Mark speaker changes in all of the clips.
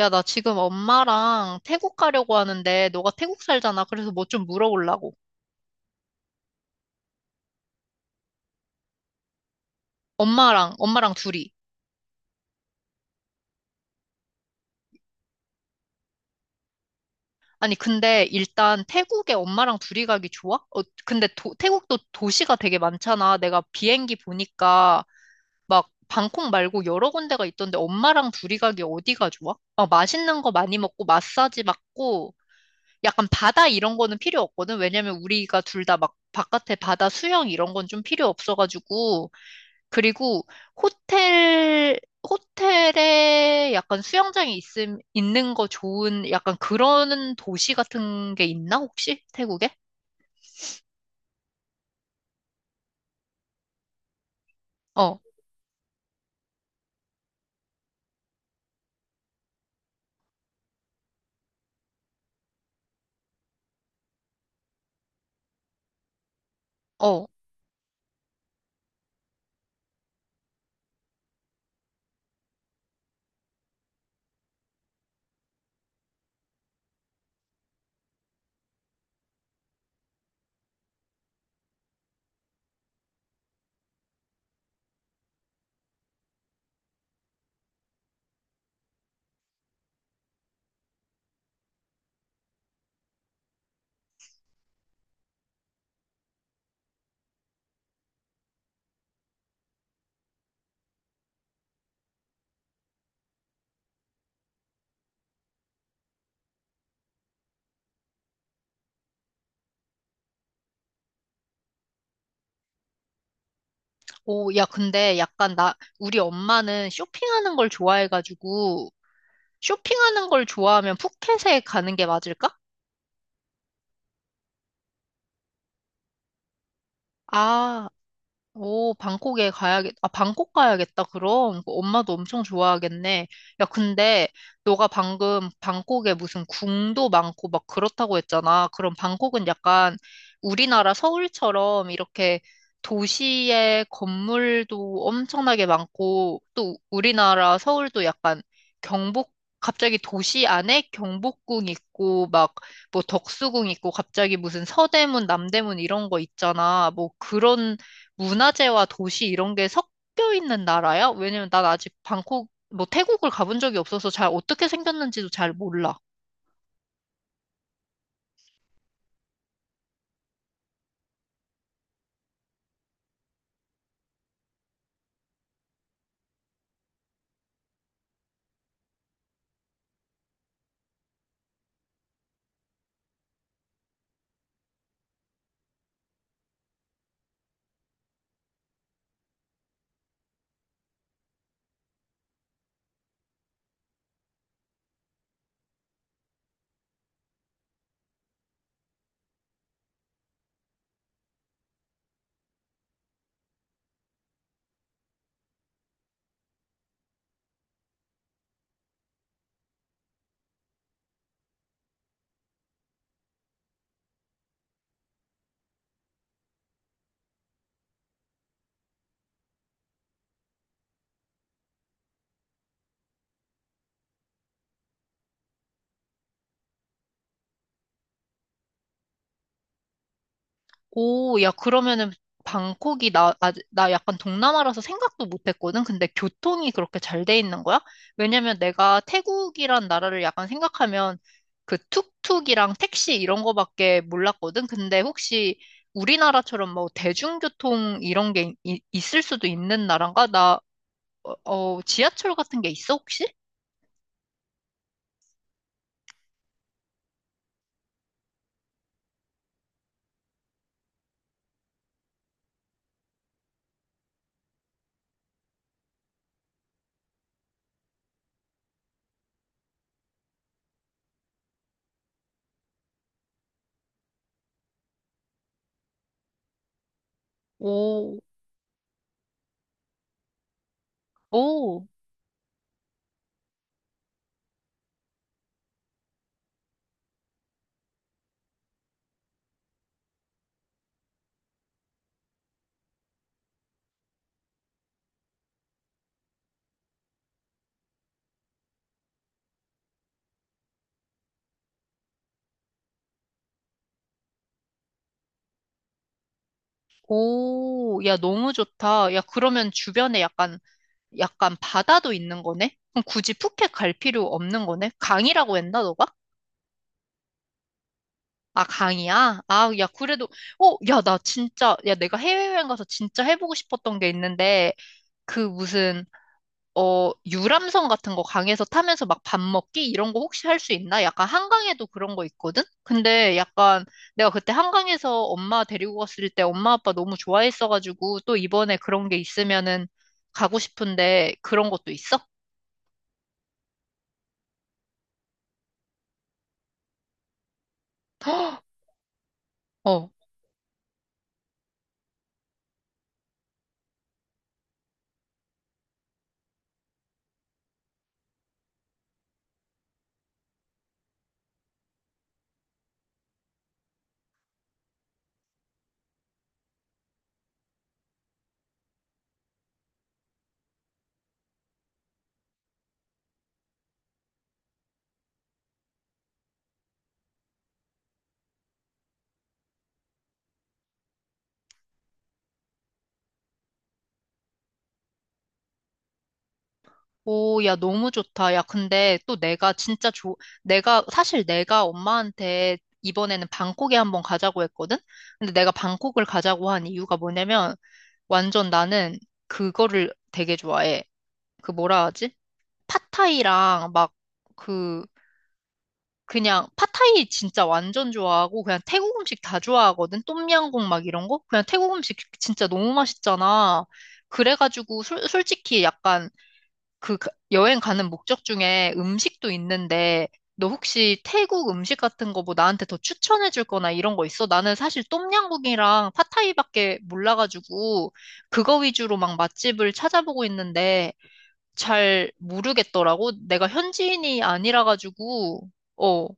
Speaker 1: 야, 나 지금 엄마랑 태국 가려고 하는데, 너가 태국 살잖아. 그래서 뭐 좀 물어보려고. 엄마랑 둘이. 아니, 근데 일단 태국에 엄마랑 둘이 가기 좋아? 어, 근데 태국도 도시가 되게 많잖아. 내가 비행기 보니까 막 방콕 말고 여러 군데가 있던데 엄마랑 둘이 가기 어디가 좋아? 막 맛있는 거 많이 먹고 마사지 받고 약간 바다 이런 거는 필요 없거든. 왜냐면 우리가 둘 다 막 바깥에 바다 수영 이런 건 좀 필요 없어가지고. 그리고 호텔, 호텔에 약간 있는 거 좋은 약간 그런 도시 같은 게 있나, 혹시? 태국에? 어, 어. 오, 야, 근데 약간 나, 우리 엄마는 쇼핑하는 걸 좋아해가지고, 쇼핑하는 걸 좋아하면 푸켓에 가는 게 맞을까? 아, 오, 아, 방콕 가야겠다, 그럼. 그 엄마도 엄청 좋아하겠네. 야, 근데 너가 방금 방콕에 무슨 궁도 많고 막 그렇다고 했잖아. 그럼 방콕은 약간 우리나라 서울처럼 이렇게 도시의 건물도 엄청나게 많고 또 우리나라 서울도 약간 경복, 갑자기 도시 안에 경복궁 있고 막 뭐 덕수궁 있고 갑자기 무슨 서대문, 남대문 이런 거 있잖아. 뭐 그런 문화재와 도시 이런 게 섞여 있는 나라야? 왜냐면 난 아직 방콕, 뭐 태국을 가본 적이 없어서 잘 어떻게 생겼는지도 잘 몰라. 오, 야, 그러면은 아, 나 약간 동남아라서 생각도 못 했거든? 근데 교통이 그렇게 잘 돼 있는 거야? 왜냐면 내가 태국이란 나라를 약간 생각하면 그 툭툭이랑 택시 이런 거밖에 몰랐거든? 근데 혹시 우리나라처럼 뭐 대중교통 이런 게 있을 수도 있는 나라인가? 나 어, 어, 지하철 같은 게 있어, 혹시? 오, 오, 오, 야, 너무 좋다. 야, 그러면 약간 바다도 있는 거네? 그럼 굳이 푸켓 갈 필요 없는 거네? 강이라고 했나, 너가? 아, 강이야? 아, 야, 그래도, 어, 야, 나 진짜, 야, 내가 해외여행 가서 진짜 해보고 싶었던 게 있는데, 그 무슨, 어, 유람선 같은 거 강에서 타면서 막 밥 먹기 이런 거 혹시 할 수 있나? 약간 한강에도 그런 거 있거든? 근데 약간 내가 그때 한강에서 엄마 데리고 갔을 때 엄마 아빠 너무 좋아했어가지고 또 이번에 그런 게 있으면은 가고 싶은데 그런 것도 있어? 헉! 어. 오, 야, 너무 좋다. 야, 근데 또 내가 진짜 좋 내가, 사실 내가 엄마한테 이번에는 방콕에 한번 가자고 했거든? 근데 내가 방콕을 가자고 한 이유가 뭐냐면, 완전 나는 그거를 되게 좋아해. 그 뭐라 하지? 팟타이랑 막 그 그냥 팟타이 진짜 완전 좋아하고 그냥 태국 음식 다 좋아하거든. 똠양꿍 막 이런 거. 그냥 태국 음식 진짜 너무 맛있잖아. 그래가지고 솔직히 약간 그 여행 가는 목적 중에 음식도 있는데 너 혹시 태국 음식 같은 거 뭐 나한테 더 추천해 줄 거나 이런 거 있어? 나는 사실 똠양꿍이랑 팟타이밖에 몰라가지고 그거 위주로 막 맛집을 찾아보고 있는데 잘 모르겠더라고. 내가 현지인이 아니라 가지고 어.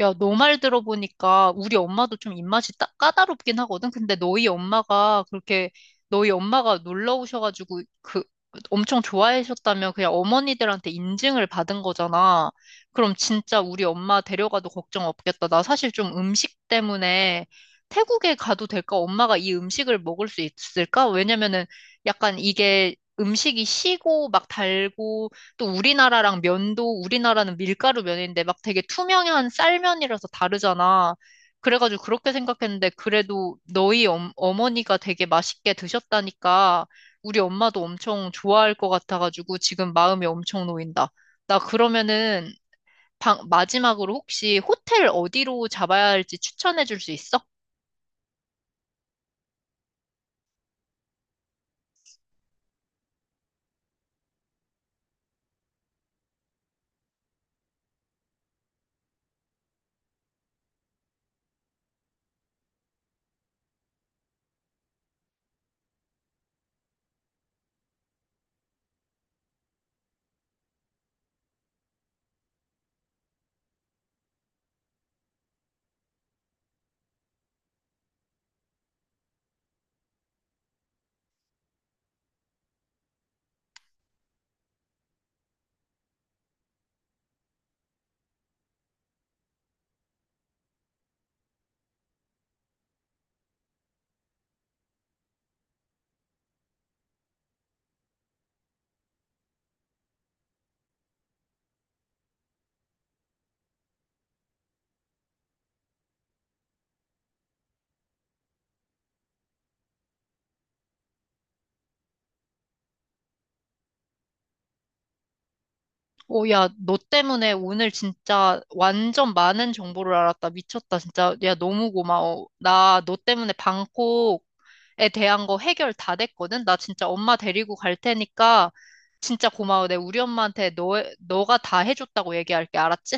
Speaker 1: 야, 너 말 들어보니까 우리 엄마도 좀 입맛이 딱 까다롭긴 하거든. 근데 너희 엄마가 놀러 오셔가지고 그 엄청 좋아하셨다면 그냥 어머니들한테 인증을 받은 거잖아. 그럼 진짜 우리 엄마 데려가도 걱정 없겠다. 나 사실 좀 음식 때문에 태국에 가도 될까? 엄마가 이 음식을 먹을 수 있을까? 왜냐면은 약간 이게 음식이 시고 막 달고 또 우리나라랑 면도, 우리나라는 밀가루 면인데 막 되게 투명한 쌀면이라서 다르잖아. 그래가지고 그렇게 생각했는데 그래도 어머니가 되게 맛있게 드셨다니까 우리 엄마도 엄청 좋아할 것 같아가지고 지금 마음이 엄청 놓인다. 나 그러면은 마지막으로 혹시 호텔 어디로 잡아야 할지 추천해 줄 수 있어? 오, 야, 너 때문에 오늘 진짜 완전 많은 정보를 알았다. 미쳤다, 진짜. 야, 너무 고마워. 나 너 때문에 방콕 에 대한 거 해결 다 됐거든. 나 진짜 엄마 데리고 갈 테니까 진짜 고마워. 내 우리 엄마한테 너가 다 해줬다고 얘기할게. 알았지?